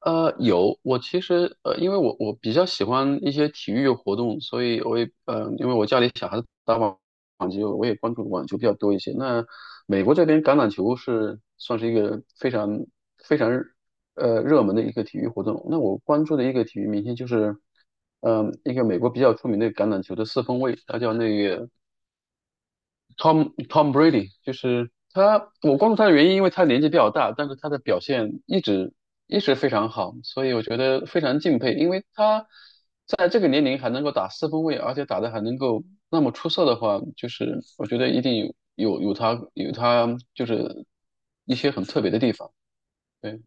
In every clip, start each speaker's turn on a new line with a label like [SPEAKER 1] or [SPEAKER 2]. [SPEAKER 1] 有，我其实因为我比较喜欢一些体育活动，所以我也因为我家里小孩子打网球，我也关注网球比较多一些。那美国这边橄榄球是算是一个非常热门的一个体育活动。那我关注的一个体育明星就是，嗯、一个美国比较出名的橄榄球的四分卫，他叫那个。Tom Brady，就是他。我关注他的原因，因为他年纪比较大，但是他的表现一直非常好，所以我觉得非常敬佩。因为他在这个年龄还能够打四分卫，而且打的还能够那么出色的话，就是我觉得一定有他就是一些很特别的地方。对，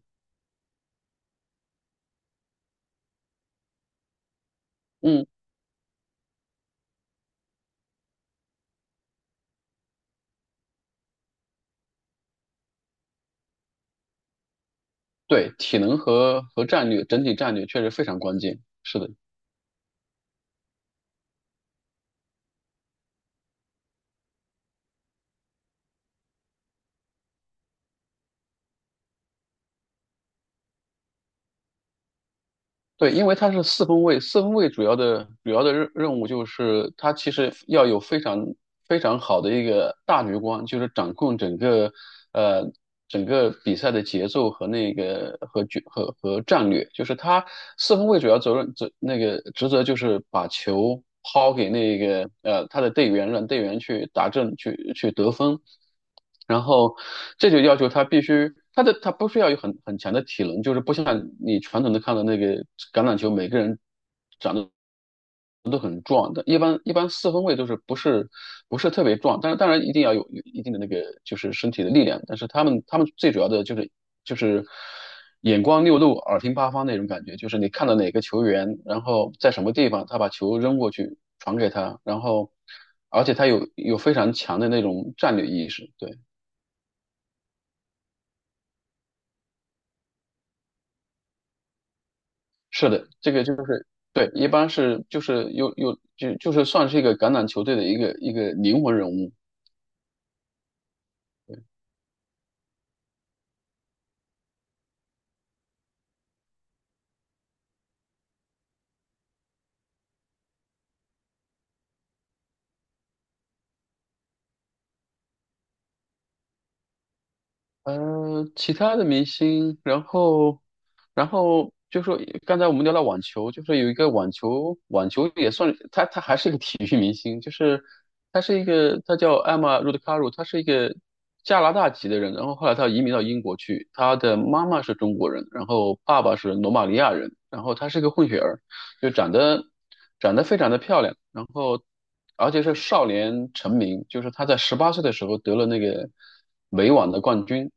[SPEAKER 1] 嗯，对，体能和战略整体战略确实非常关键。是的。对，因为它是四分卫，四分卫主要的任务就是它其实要有非常好的一个大局观，就是掌控整个呃整个比赛的节奏和那个和决和和战略。就是他四分卫主要责任责那个职责就是把球抛给那个他的队员，让队员去打正去去得分。然后这就要求他必须他的他不需要有很强的体能，就是不像你传统的看到那个橄榄球，每个人壮的，一般四分卫都是不是特别壮，但是当然一定要有一定的那个就是身体的力量，但是他们最主要的就是眼光六路，耳听八方那种感觉，就是你看到哪个球员，然后在什么地方，他把球扔过去传给他，然后而且他有非常强的那种战略意识。对。是的，这个就是对，一般是就是就是算是一个橄榄球队的一个灵魂人物。呃，其他的明星，然后就说刚才我们聊到网球，就是有一个网球也算，他还是一个体育明星。就是他是一个，他叫艾玛茹德卡鲁，他是一个加拿大籍的人，然后后来他移民到英国去。他的妈妈是中国人，然后爸爸是罗马尼亚人，然后他是个混血儿。就长得非常的漂亮，然后而且是少年成名。就是他在十八岁的时候得了那个美网的冠军，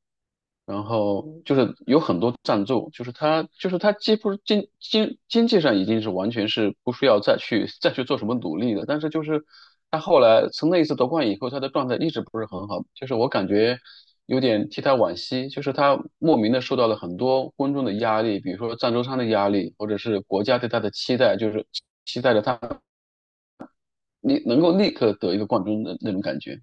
[SPEAKER 1] 然后就是有很多赞助。就是他就是他几乎经济上已经是完全是不需要再去做什么努力的。但是就是他后来从那一次夺冠以后，他的状态一直不是很好，就是我感觉有点替他惋惜。就是他莫名的受到了很多观众的压力，比如说赞助商的压力，或者是国家对他的期待，就是期待着他你能够立刻得一个冠军的那种感觉。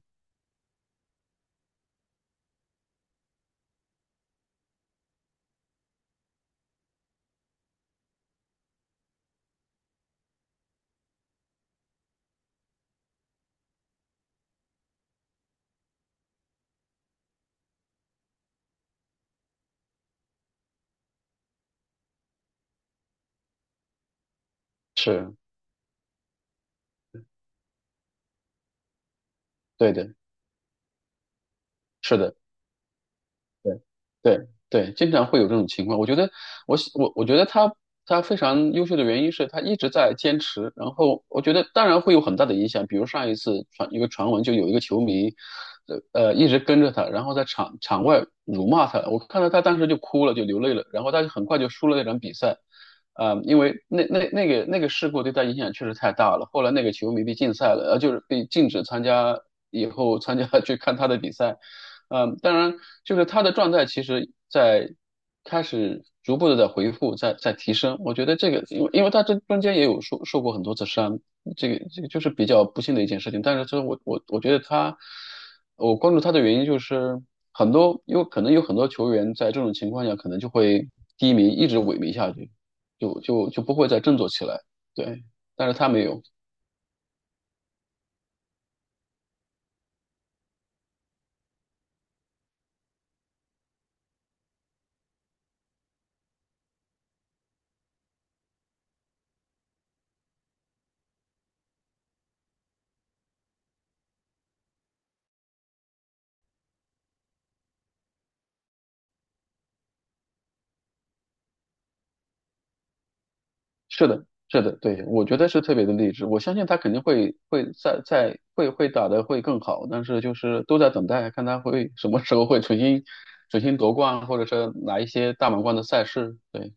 [SPEAKER 1] 是对的，是的。对对对，经常会有这种情况。我觉得，我喜我我觉得他非常优秀的原因是他一直在坚持。然后我觉得，当然会有很大的影响。比如上一次传一个传闻，就有一个球迷，呃一直跟着他，然后在场外辱骂他。我看到他当时就哭了，就流泪了。然后他就很快就输了那场比赛。啊、因为那个事故对他影响确实太大了。后来那个球迷被禁赛了，呃，就是被禁止参加以后参加 去看他的比赛。嗯，呃当然，就是他的状态其实在开始逐步的在恢复，在提升。我觉得这个，因为他这中间也有受过很多次伤，这个就是比较不幸的一件事情。但是这我觉得他，我关注他的原因就是很多。因为可能有很多球员在这种情况下可能就会低迷，一直萎靡下去，就不会再振作起来。对，但是他没有。是的，是的，对，我觉得是特别的励志。我相信他肯定会会打得会更好，但是就是都在等待，看他会什么时候会重新夺冠，或者是拿一些大满贯的赛事。对，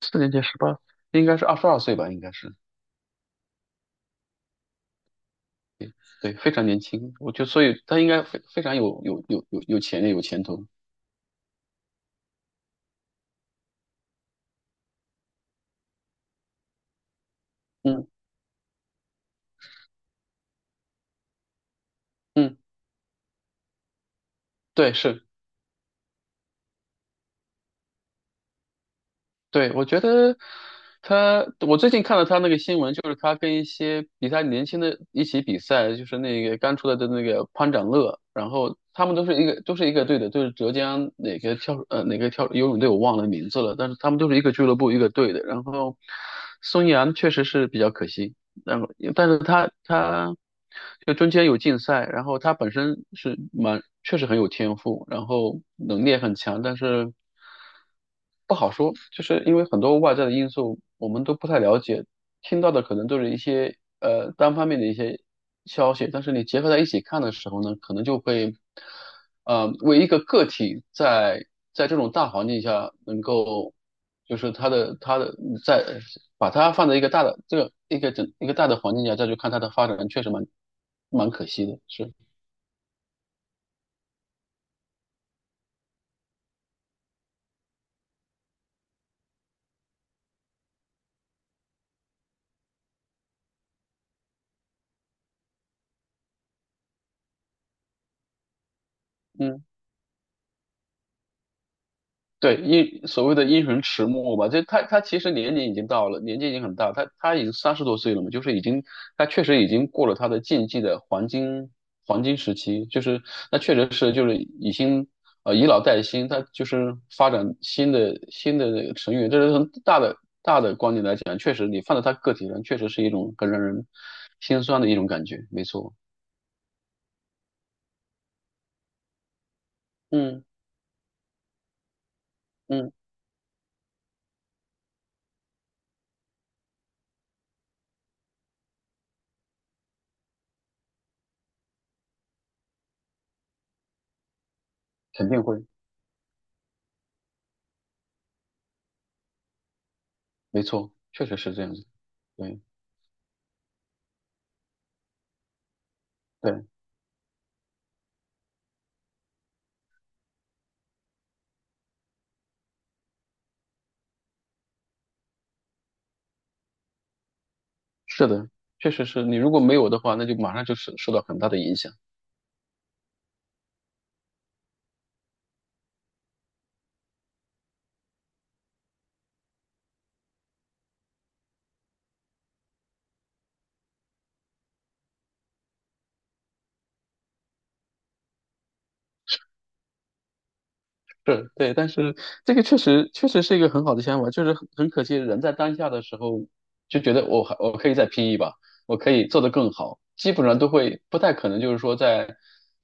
[SPEAKER 1] 四年级十八，应该是二十二岁吧，应该是，对，非常年轻。我就所以他应该非非常有潜力，有前途。嗯嗯，对，是。对，我觉得他，我最近看了他那个新闻，就是他跟一些比他年轻的一起比赛，就是那个刚出来的那个潘展乐。然后他们都是一个队的，就是浙江哪个跳呃哪个跳游泳队我忘了名字了，但是他们都是一个俱乐部一个队的。然后孙杨确实是比较可惜。然后但是他就中间有竞赛，然后他本身是蛮确实很有天赋，然后能力也很强，但是不好说。就是因为很多外在的因素我们都不太了解，听到的可能都是一些呃单方面的一些消息，但是你结合在一起看的时候呢，可能就会呃为一个个体在在这种大环境下能够。就是它的在把它放在一个大的这个一个大的环境下再去看它的发展，确实蛮可惜的。是，嗯。对，因所谓的因循迟暮吧，就他其实年龄已经到了，年纪已经很大，他已经三十多岁了嘛，就是已经他确实已经过了他的竞技的黄金时期。就是那确实是就是已经呃以老带新，他就是发展新的那个成员。这是从大的观点来讲，确实你放在他个体上，确实是一种很让人心酸的一种感觉，没错。嗯嗯，肯定会，没错，确实是这样子，对对。是的，确实是你如果没有的话，那就马上就是受到很大的影响。是，对，但是这个确实是一个很好的想法。就是很可惜，人在当下的时候就觉得我还我可以再拼一把，我可以做得更好，基本上都会不太可能就是说在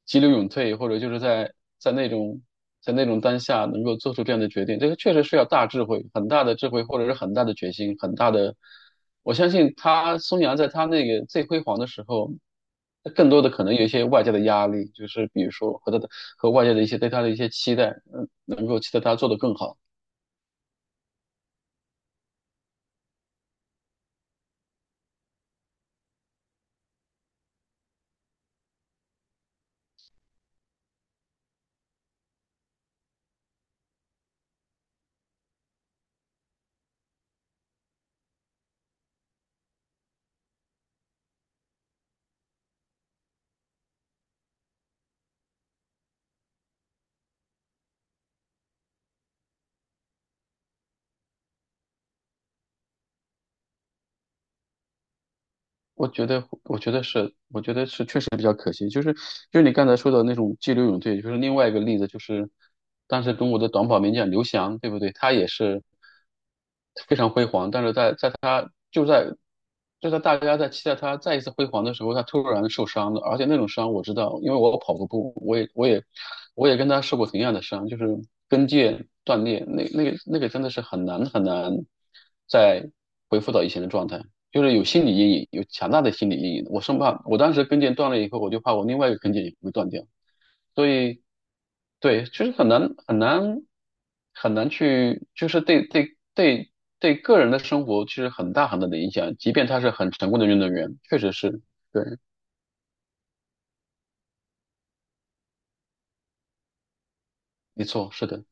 [SPEAKER 1] 急流勇退，或者就是在在那种在那种当下能够做出这样的决定。这个确实是要大智慧、很大的智慧，或者是很大的决心、很大的。我相信他孙杨在他那个最辉煌的时候，更多的可能有一些外界的压力，就是比如说和他的和外界的一些对他的一些期待，嗯，能够期待他做得更好。我觉得，我觉得是，我觉得是确实比较可惜。就是你刚才说的那种激流勇退，就是另外一个例子。就是当时中国的短跑名将刘翔，对不对？他也是非常辉煌，但是在在他就在就在大家在期待他再一次辉煌的时候，他突然受伤了。而且那种伤我知道，因为我跑过步，我也跟他受过同样的伤，就是跟腱断裂。那个真的是很难再恢复到以前的状态。就是有心理阴影，有强大的心理阴影。我生怕我当时跟腱断了以后，我就怕我另外一个跟腱也会断掉。所以，对，就是很难去，就是对对个人的生活其实很大的影响。即便他是很成功的运动员，确实是，对，没错，是的。